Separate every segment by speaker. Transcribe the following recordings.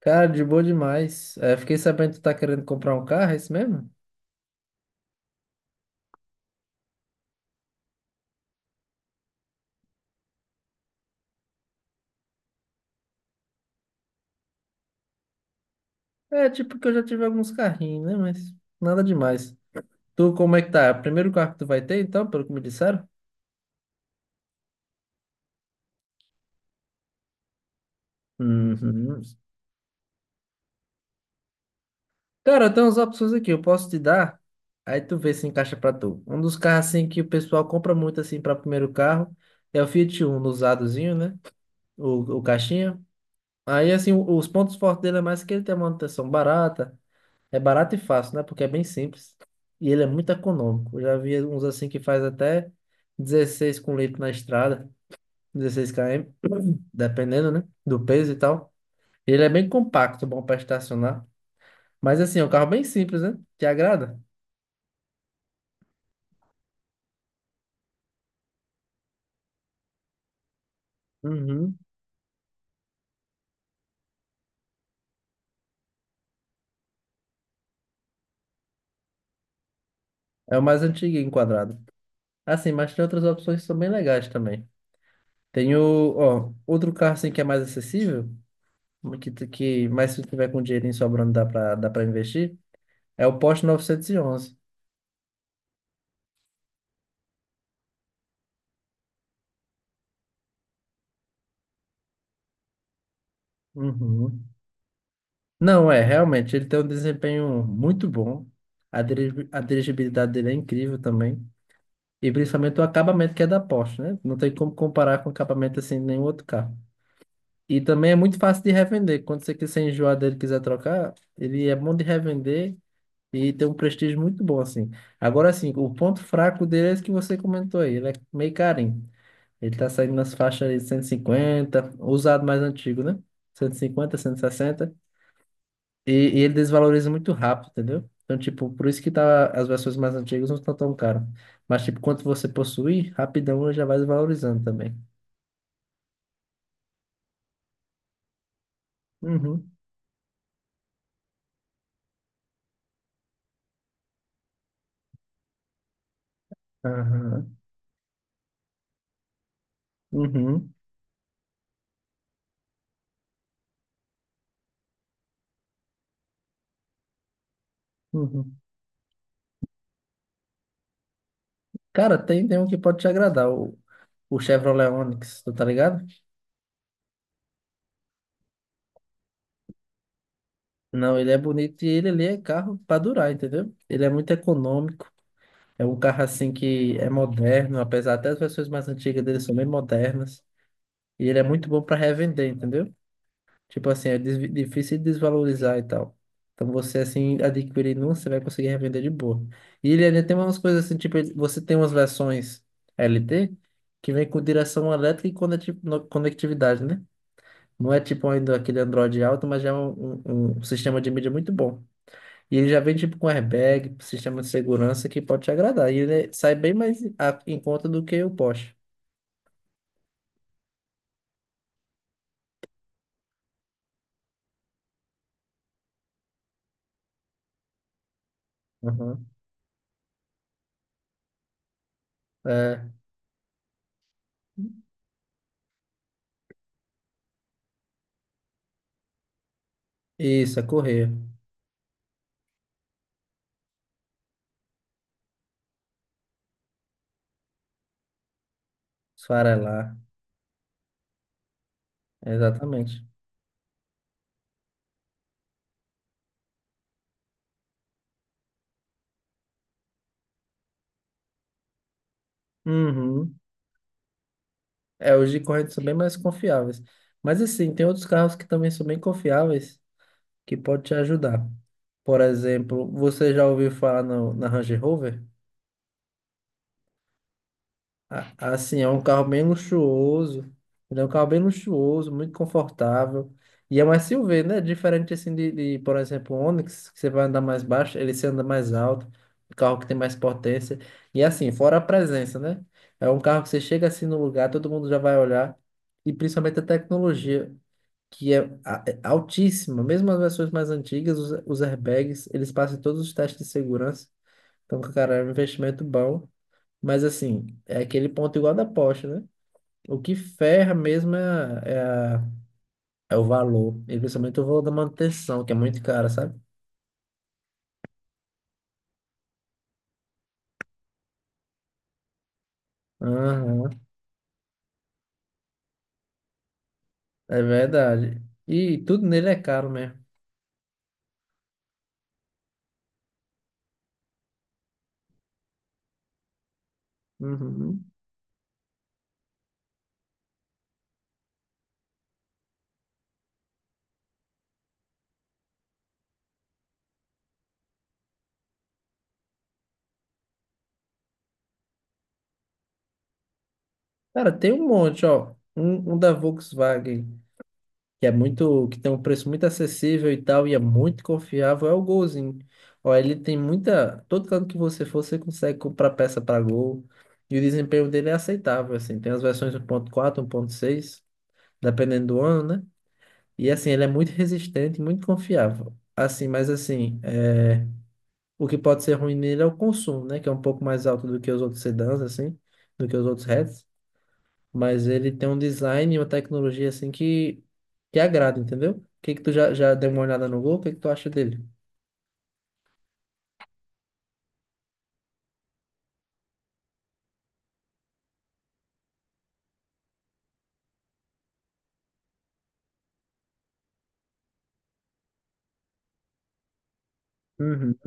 Speaker 1: Cara, de boa demais. É, fiquei sabendo que tu tá querendo comprar um carro, é isso mesmo? É, tipo que eu já tive alguns carrinhos, né? Mas nada demais. Tu, como é que tá? É o primeiro carro que tu vai ter, então, pelo que me disseram? Uhum. Cara, tem umas opções aqui, eu posso te dar. Aí tu vê se encaixa pra tu. Um dos carros, assim, que o pessoal compra muito, assim, pra primeiro carro é o Fiat Uno, usadozinho, né? O caixinha. Aí, assim, os pontos fortes dele é mais que ele tem a manutenção barata. É barato e fácil, né? Porque é bem simples. E ele é muito econômico. Eu já vi uns assim que faz até 16 com litro na estrada, 16 km, dependendo, né? Do peso e tal. Ele é bem compacto, bom para estacionar. Mas assim, é um carro bem simples, né? Te agrada? Uhum. É o mais antigo enquadrado. Assim, mas tem outras opções que são bem legais também. Tem o, ó, outro carro assim que é mais acessível, mas se tu tiver com dinheirinho sobrando dá para investir, é o Porsche 911. Uhum. Não, é, realmente, ele tem um desempenho muito bom. A dirigibilidade dele é incrível também. E principalmente o acabamento que é da Porsche, né? Não tem como comparar com o acabamento assim de nenhum outro carro. E também é muito fácil de revender. Quando você quiser enjoar dele, e quiser trocar, ele é bom de revender e tem um prestígio muito bom assim. Agora sim, o ponto fraco dele é esse que você comentou aí, ele é meio carinho. Ele tá saindo nas faixas aí de 150, usado mais antigo, né? Cento e cinquenta, 160. E, e ele desvaloriza muito rápido, entendeu? Então, tipo, por isso que tá, as versões mais antigas não estão tão caras. Mas, tipo, quanto você possui, rapidão ele já vai desvalorizando também. Uhum. Aham. Uhum. Uhum. Cara, tem um que pode te agradar, o Chevrolet Onix, tu tá ligado? Não, ele é bonito e ele ali é carro pra durar, entendeu? Ele é muito econômico, é um carro assim que é moderno, apesar até as versões mais antigas dele são bem modernas. E ele é muito bom pra revender, entendeu? Tipo assim, é desvi- difícil de desvalorizar e tal. Então você assim adquirindo um, você vai conseguir revender de boa. E ele ainda tem umas coisas assim, tipo, ele- você tem umas versões LT que vem com direção elétrica e conectividade, né? Não é tipo ainda aquele Android alto, mas já é um sistema de mídia muito bom. E ele já vem tipo com airbag, sistema de segurança que pode te agradar. E ele sai bem mais em conta do que o Porsche. Uhum. É, isso, é correr, esfarelar. Exatamente. Uhum. É, os de corrente são bem mais confiáveis. Mas assim, tem outros carros que também são bem confiáveis que pode te ajudar. Por exemplo, você já ouviu falar na Range Rover? A- Assim, é um carro bem luxuoso. Ele é um carro bem luxuoso, muito confortável. E é um SUV, né? Diferente assim por exemplo, o Onix, que você vai andar mais baixo, ele se anda mais alto, um carro que tem mais potência. E assim, fora a presença, né? É um carro que você chega assim no lugar, todo mundo já vai olhar. E principalmente a tecnologia, que é altíssima. Mesmo as versões mais antigas, os airbags, eles passam todos os testes de segurança. Então, cara, é um investimento bom. Mas assim, é aquele ponto igual da Porsche, né? O que ferra mesmo a- é o valor, e principalmente o valor da manutenção, que é muito cara, sabe? Aham, é verdade. E tudo nele é caro mesmo. Uhum. Cara, tem um monte, ó. Um da Volkswagen, que tem um preço muito acessível e tal, e é muito confiável, é o Golzinho. Ó, ele tem muita. Todo canto que você for, você consegue comprar peça para Gol. E o desempenho dele é aceitável, assim. Tem as versões um ponto quatro, 1.6. Dependendo do ano, né? E assim, ele é muito resistente, e muito confiável. Assim, mas assim, é, o que pode ser ruim nele é o consumo, né? Que é um pouco mais alto do que os outros sedãs, assim, do que os outros hatches. Mas ele tem um design e uma tecnologia, assim, que agrada, entendeu? O que que tu já deu uma olhada no Gol? O que que tu acha dele? Uhum.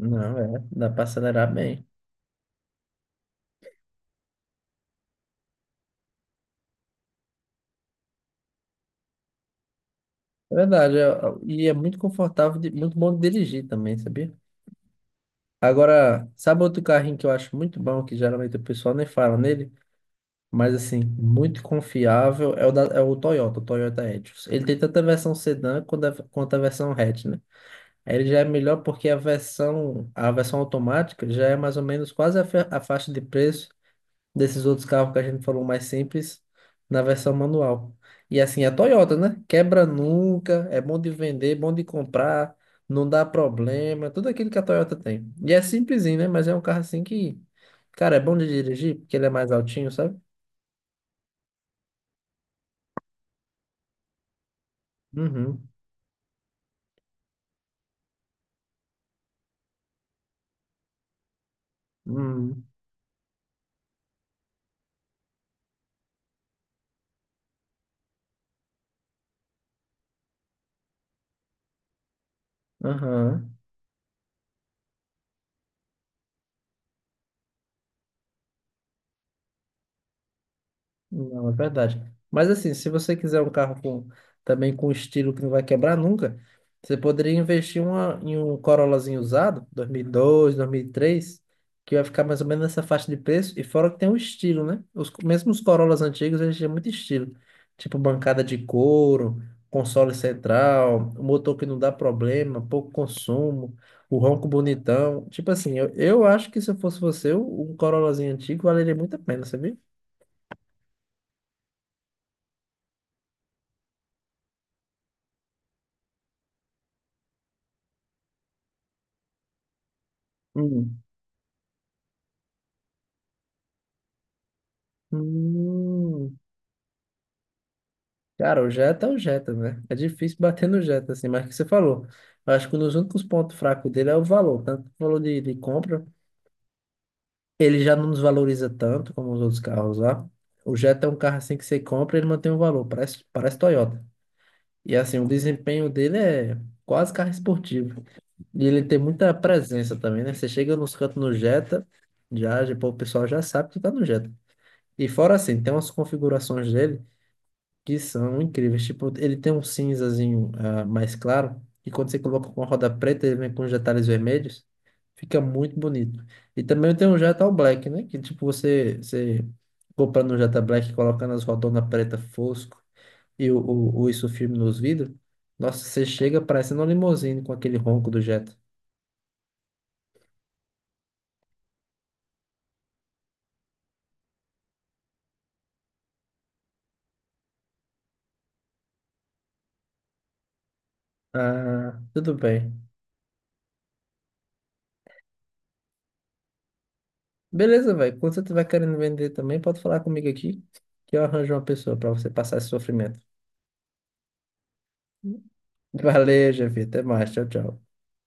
Speaker 1: Não, é, dá pra acelerar bem. É verdade, e é muito confortável, muito bom de dirigir também, sabia? Agora, sabe outro carrinho que eu acho muito bom, que geralmente o pessoal nem fala nele? Mas assim, muito confiável é o Toyota, o Toyota Etios. Ele tem tanto a versão sedã quanto a versão hatch, né? Aí ele já é melhor porque a versão automática já é mais ou menos quase a faixa de preço desses outros carros que a gente falou mais simples na versão manual. E assim, a Toyota, né? Quebra nunca, é bom de vender, bom de comprar, não dá problema, tudo aquilo que a Toyota tem. E é simplesinho, né? Mas é um carro assim que, cara, é bom de dirigir porque ele é mais altinho, sabe? Uhum. Hum. Aham. Não, é verdade. Mas assim, se você quiser um carro com, também com estilo que não vai quebrar nunca, você poderia investir em um Corollazinho usado, 2002, 2003, que vai ficar mais ou menos nessa faixa de preço, e fora que tem um estilo, né? Mesmo os Corollas antigos, eles tinham muito estilo. Tipo bancada de couro, console central, um motor que não dá problema, pouco consumo, o ronco bonitão. Tipo assim, eu acho que se eu fosse você, um Corollazinho antigo valeria muito a pena, sabia? Hum, Cara, o Jetta é o Jetta, né? É difícil bater no Jetta, assim, mas é o que você falou. Eu acho que um dos únicos pontos fracos dele é o valor, tanto o valor de compra. Ele já não nos valoriza tanto como os outros carros lá. O Jetta é um carro assim que você compra, e ele mantém o valor, parece Toyota. E assim, o desempenho dele é quase carro esportivo. E ele tem muita presença também, né? Você chega nos cantos no Jetta, pô, o pessoal já sabe que tá no Jetta. E fora assim, tem umas configurações dele. Que são incríveis. Tipo, ele tem um cinzazinho mais claro, e quando você coloca com a roda preta, ele vem com os detalhes vermelhos, fica muito bonito. E também tem um Jetta All Black, né? Que tipo, você comprando um Jetta Black, colocando as rodonas preta fosco e o isso firme nos vidros, nossa, você chega parecendo uma limousine com aquele ronco do Jetta. Ah, tudo bem. Beleza, velho. Quando você tiver querendo vender também, pode falar comigo aqui, que eu arranjo uma pessoa para você passar esse sofrimento. Valeu, Jeff. Até mais. Tchau, tchau.